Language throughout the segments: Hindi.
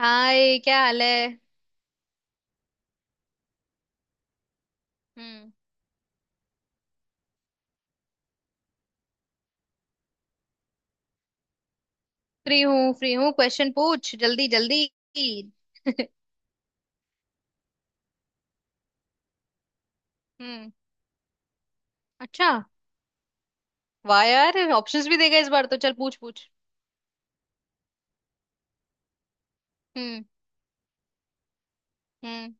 हाय, क्या हाल है? हम्म। फ्री हूँ, फ्री हूँ। क्वेश्चन पूछ, जल्दी जल्दी। हम्म। अच्छा। वाह यार, ऑप्शंस भी देगा इस बार तो। चल, पूछ पूछ। हम्म। हम्म।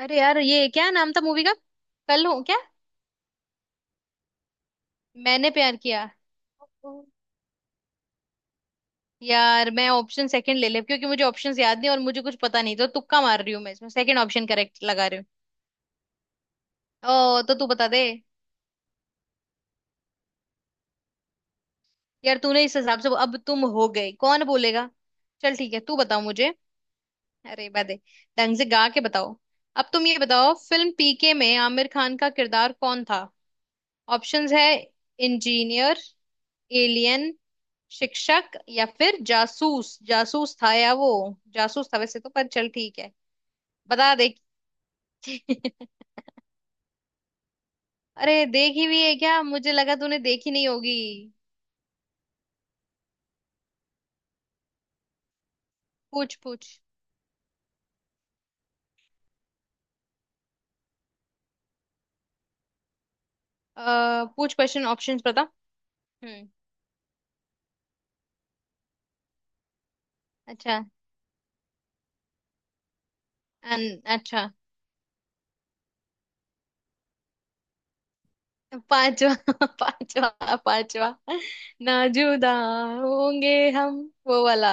अरे यार, ये क्या नाम था मूवी का? कल हूँ क्या? मैंने प्यार किया। ओ। यार मैं ऑप्शन सेकंड ले ले, क्योंकि मुझे ऑप्शंस याद नहीं और मुझे कुछ पता नहीं, तो तुक्का मार रही हूँ मैं इसमें। सेकंड ऑप्शन करेक्ट लगा रही हूँ। ओ, तो तू बता दे। यार, तूने इस हिसाब से "अब तुम हो गई" कौन बोलेगा? चल ठीक है, तू बताओ मुझे। अरे बदे, ढंग से गा के बताओ। अब तुम ये बताओ, फिल्म पीके में आमिर खान का किरदार कौन था? ऑप्शंस है। इंजीनियर। एलियन। शिक्षक, या फिर जासूस? जासूस था या वो? जासूस था वैसे तो, पर चल ठीक है। बता दे। अरे, देखी हुई है क्या? मुझे लगा तूने देखी नहीं होगी। पूछ पूछ। अ, पूछ क्वेश्चन, ऑप्शंस बता। हम्म। अच्छा। अच्छा। पांचवा पांचवा, पांचवा। नाजुदा, होंगे हम। वो वाला।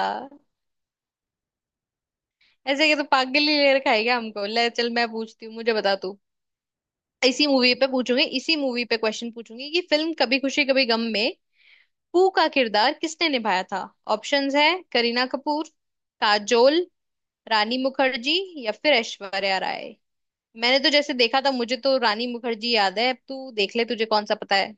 ऐसे के तो पागल ही ले रखा है क्या हमको? ले चल, मैं पूछती हूँ, मुझे बता तू। इसी मूवी पे पूछूंगी, इसी मूवी पे क्वेश्चन पूछूंगी कि फिल्म कभी खुशी कभी गम में पू का किरदार किसने निभाया था? ऑप्शंस है। करीना कपूर। काजोल। रानी मुखर्जी। या फिर ऐश्वर्या राय। मैंने तो जैसे देखा था, मुझे तो रानी मुखर्जी याद है। अब तू देख ले, तुझे कौन सा पता है।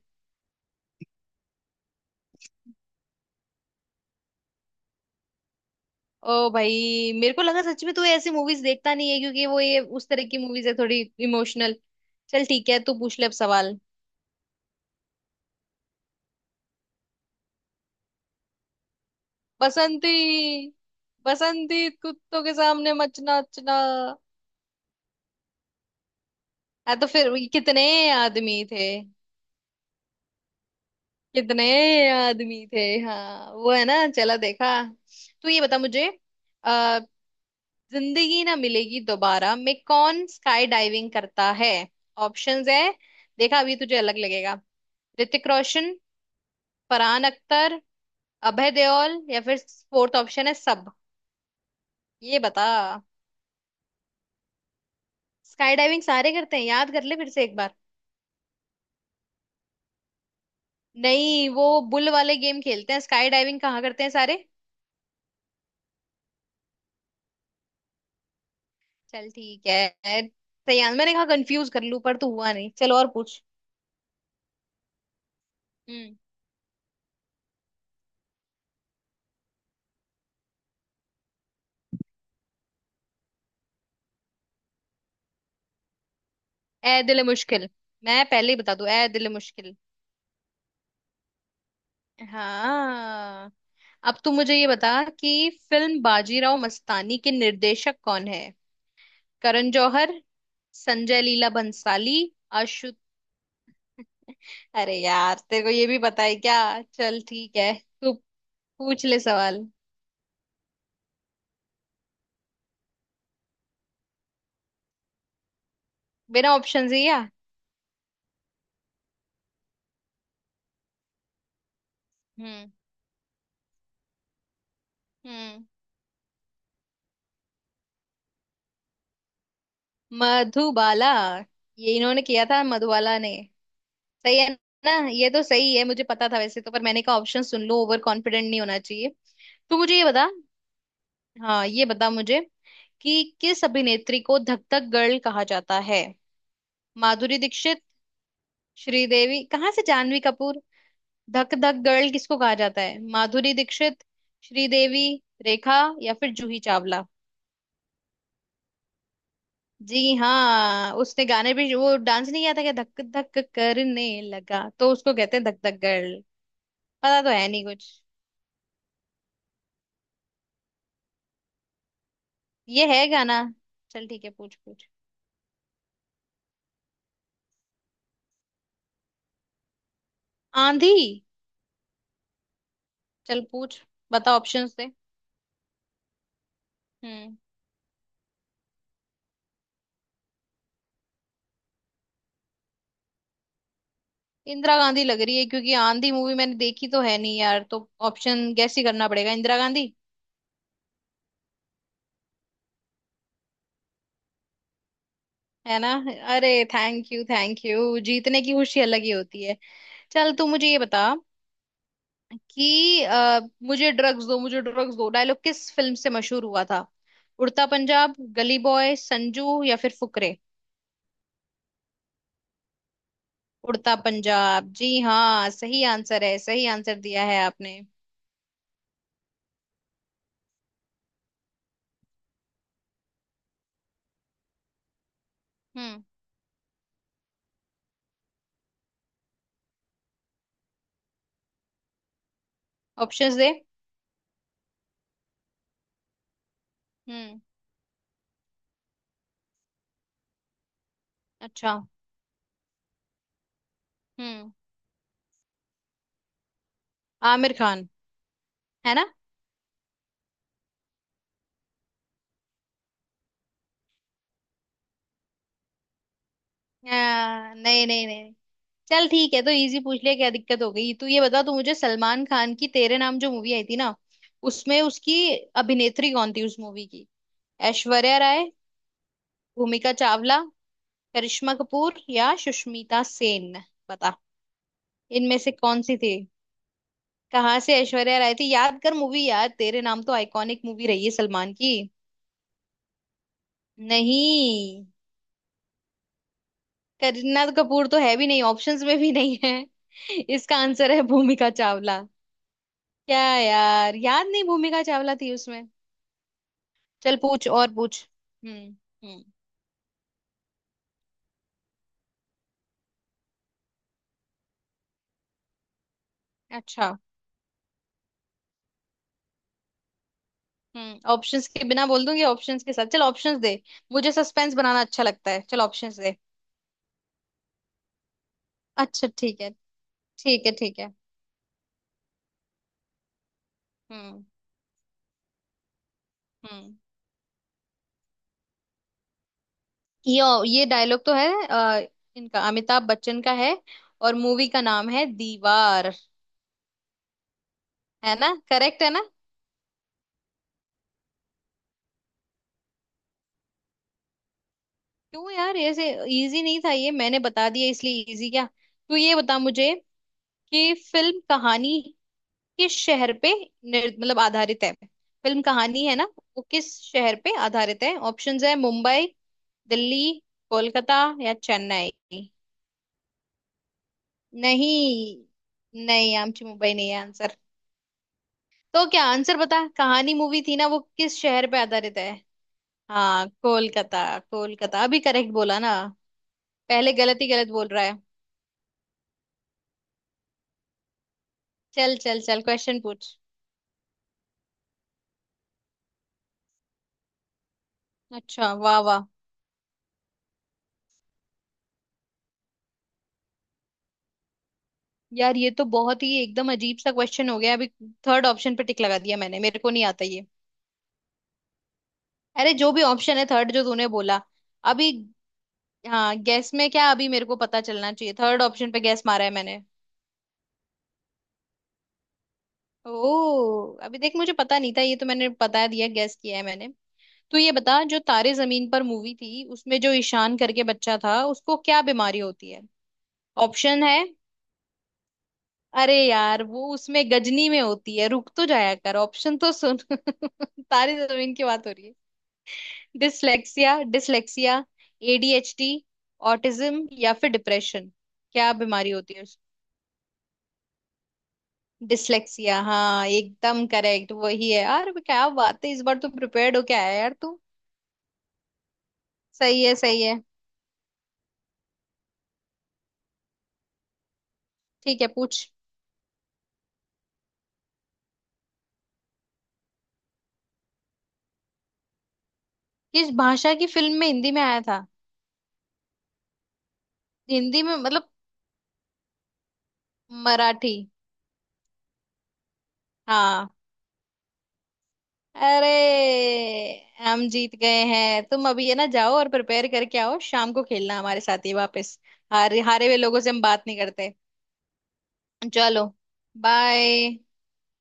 ओ भाई, मेरे को लगा सच में तू ऐसी मूवीज देखता नहीं है, क्योंकि वो ये उस तरह की मूवीज है थोड़ी इमोशनल। चल ठीक है, तू पूछ ले अब सवाल। बसंती। बसंती, कुत्तों के सामने मचना अच्छना। हाँ तो फिर ये कितने आदमी थे? कितने आदमी थे, हाँ वो है ना, चला देखा। तो ये बता मुझे। अ, जिंदगी ना मिलेगी दोबारा में कौन स्काई डाइविंग करता है? ऑप्शंस है। देखा, अभी तुझे अलग लगेगा। ऋतिक रोशन। फरहान अख्तर। अभय देओल, या फिर फोर्थ ऑप्शन है, सब। ये बता। स्काई डाइविंग सारे करते हैं? याद कर ले फिर से एक बार। नहीं, वो बुल वाले गेम खेलते हैं, स्काई डाइविंग कहाँ करते हैं सारे? चल ठीक है। तैयार, मैंने कहा कंफ्यूज कर लूं, पर तू हुआ नहीं। चलो और पूछ। हम्म। ए दिल मुश्किल। मैं पहले ही बता दूं, ए दिल मुश्किल। हाँ। अब तू मुझे ये बता कि फिल्म बाजीराव मस्तानी के निर्देशक कौन है? करण जौहर। संजय लीला भंसाली। आशु। अरे यार, तेरे को ये भी पता है क्या? चल ठीक है। तू पूछ ले सवाल। बिना ऑप्शन से क्या? हम्म। हम्म। मधुबाला। ये इन्होंने किया था, मधुबाला ने। सही है। ना ये तो सही है, मुझे पता था वैसे तो, पर मैंने कहा ऑप्शन सुन लो, ओवर कॉन्फिडेंट नहीं होना चाहिए। तो मुझे ये बता। हाँ ये बता मुझे, कि किस अभिनेत्री को धक धक गर्ल कहा जाता है? माधुरी दीक्षित। श्रीदेवी कहाँ से जानवी कपूर? धक धक गर्ल किसको कहा जाता है? माधुरी दीक्षित, श्रीदेवी, रेखा या फिर जूही चावला। जी हाँ, उसने गाने भी, वो डांस नहीं किया था क्या? धक धक करने लगा, तो उसको कहते हैं धक धक गर्ल। पता तो है नहीं कुछ। ये है गाना। चल ठीक है, पूछ पूछ। आंधी। चल पूछ। बता, ऑप्शंस दे। हम्म। इंदिरा गांधी लग रही है, क्योंकि आंधी मूवी मैंने देखी तो है नहीं यार, तो ऑप्शन गैस ही करना पड़ेगा, इंदिरा गांधी। है ना। अरे। थैंक यू, थैंक यू, जीतने की खुशी अलग ही होती है। चल तू मुझे ये बता कि "मुझे ड्रग्स दो, मुझे ड्रग्स दो" डायलॉग किस फिल्म से मशहूर हुआ था? उड़ता पंजाब, गली बॉय, संजू या फिर फुकरे। उड़ता पंजाब, जी हाँ, सही आंसर है, सही आंसर दिया है आपने। हम्म। ऑप्शंस दे। हम्म। अच्छा। हम्म। आमिर खान। है ना? नहीं नहीं नहीं। चल ठीक है, तो इजी पूछ लिया, क्या दिक्कत हो गई? तू ये बता तू मुझे, सलमान खान की तेरे नाम जो मूवी आई थी ना, उसमें उसकी अभिनेत्री कौन थी उस मूवी की? ऐश्वर्या राय। भूमिका चावला। करिश्मा कपूर या सुष्मिता सेन। बता, इनमें से कौन सी थी? कहाँ से ऐश्वर्या राय थी? याद कर मूवी यार, तेरे नाम तो आइकॉनिक मूवी रही है सलमान की। नहीं। करीना कपूर तो है भी नहीं, ऑप्शंस में भी नहीं है। इसका आंसर है भूमिका चावला। क्या यार, याद नहीं, भूमिका चावला थी उसमें। चल पूछ और पूछ। हम्म। हम्म। अच्छा। हम्म। ऑप्शंस के बिना बोल दूंगी, ऑप्शंस के साथ चल, ऑप्शंस दे। मुझे सस्पेंस बनाना अच्छा लगता है, चल ऑप्शंस दे। अच्छा ठीक है। ठीक है, ठीक है। हम्म। हम्म। ये ये डायलॉग तो है इनका, अमिताभ बच्चन का है। और मूवी का नाम है दीवार। है ना, करेक्ट है ना? क्यों यार, ऐसे इजी नहीं था ये, मैंने बता दिया इसलिए इजी क्या? तू ये बता मुझे कि फिल्म कहानी किस शहर पे मतलब आधारित है? फिल्म कहानी, है ना, वो किस शहर पे आधारित है? ऑप्शंस है। मुंबई, दिल्ली, कोलकाता या चेन्नई। नहीं, नहीं आमची मुंबई नहीं है आंसर। तो क्या आंसर बता, कहानी मूवी थी ना, वो किस शहर पे आधारित है? हाँ, कोलकाता। कोलकाता अभी करेक्ट बोला ना। पहले गलत ही गलत बोल रहा है। चल चल चल, क्वेश्चन पूछ। अच्छा, वाह वाह। यार ये तो बहुत ही एकदम अजीब सा क्वेश्चन हो गया अभी। थर्ड ऑप्शन पे टिक लगा दिया मैंने, मेरे को नहीं आता ये। अरे, जो भी ऑप्शन है थर्ड, जो तूने बोला। अभी। हाँ गैस में क्या? अभी मेरे को पता चलना चाहिए, थर्ड ऑप्शन पे गैस मारा है मैंने। ओ, अभी देख, मुझे पता नहीं था, ये तो मैंने बता दिया, गेस किया है मैंने। तो ये बता, जो तारे जमीन पर मूवी थी, उसमें जो ईशान करके बच्चा था, उसको क्या बीमारी होती है? ऑप्शन है। अरे यार, वो उसमें गजनी में होती है। रुक तो जाया कर, ऑप्शन तो सुन। तारे जमीन की बात हो रही है। Dyslexia, dyslexia. एडीएचडी। ऑटिज्म या फिर डिप्रेशन। क्या बीमारी होती है उसको? डिसलेक्सिया, हाँ एकदम करेक्ट वही है। यार क्या बात है, इस बार तो प्रिपेयर्ड होके आया यार तू। सही है, सही है। ठीक है, पूछ। किस भाषा की फिल्म में हिंदी में आया था? हिंदी में मतलब? मराठी। हाँ। अरे, हम जीत गए हैं। तुम अभी, है ना, जाओ और प्रिपेयर करके आओ, शाम को खेलना हमारे साथ ही वापस। हारे हारे हुए लोगों से हम बात नहीं करते। चलो, बाय।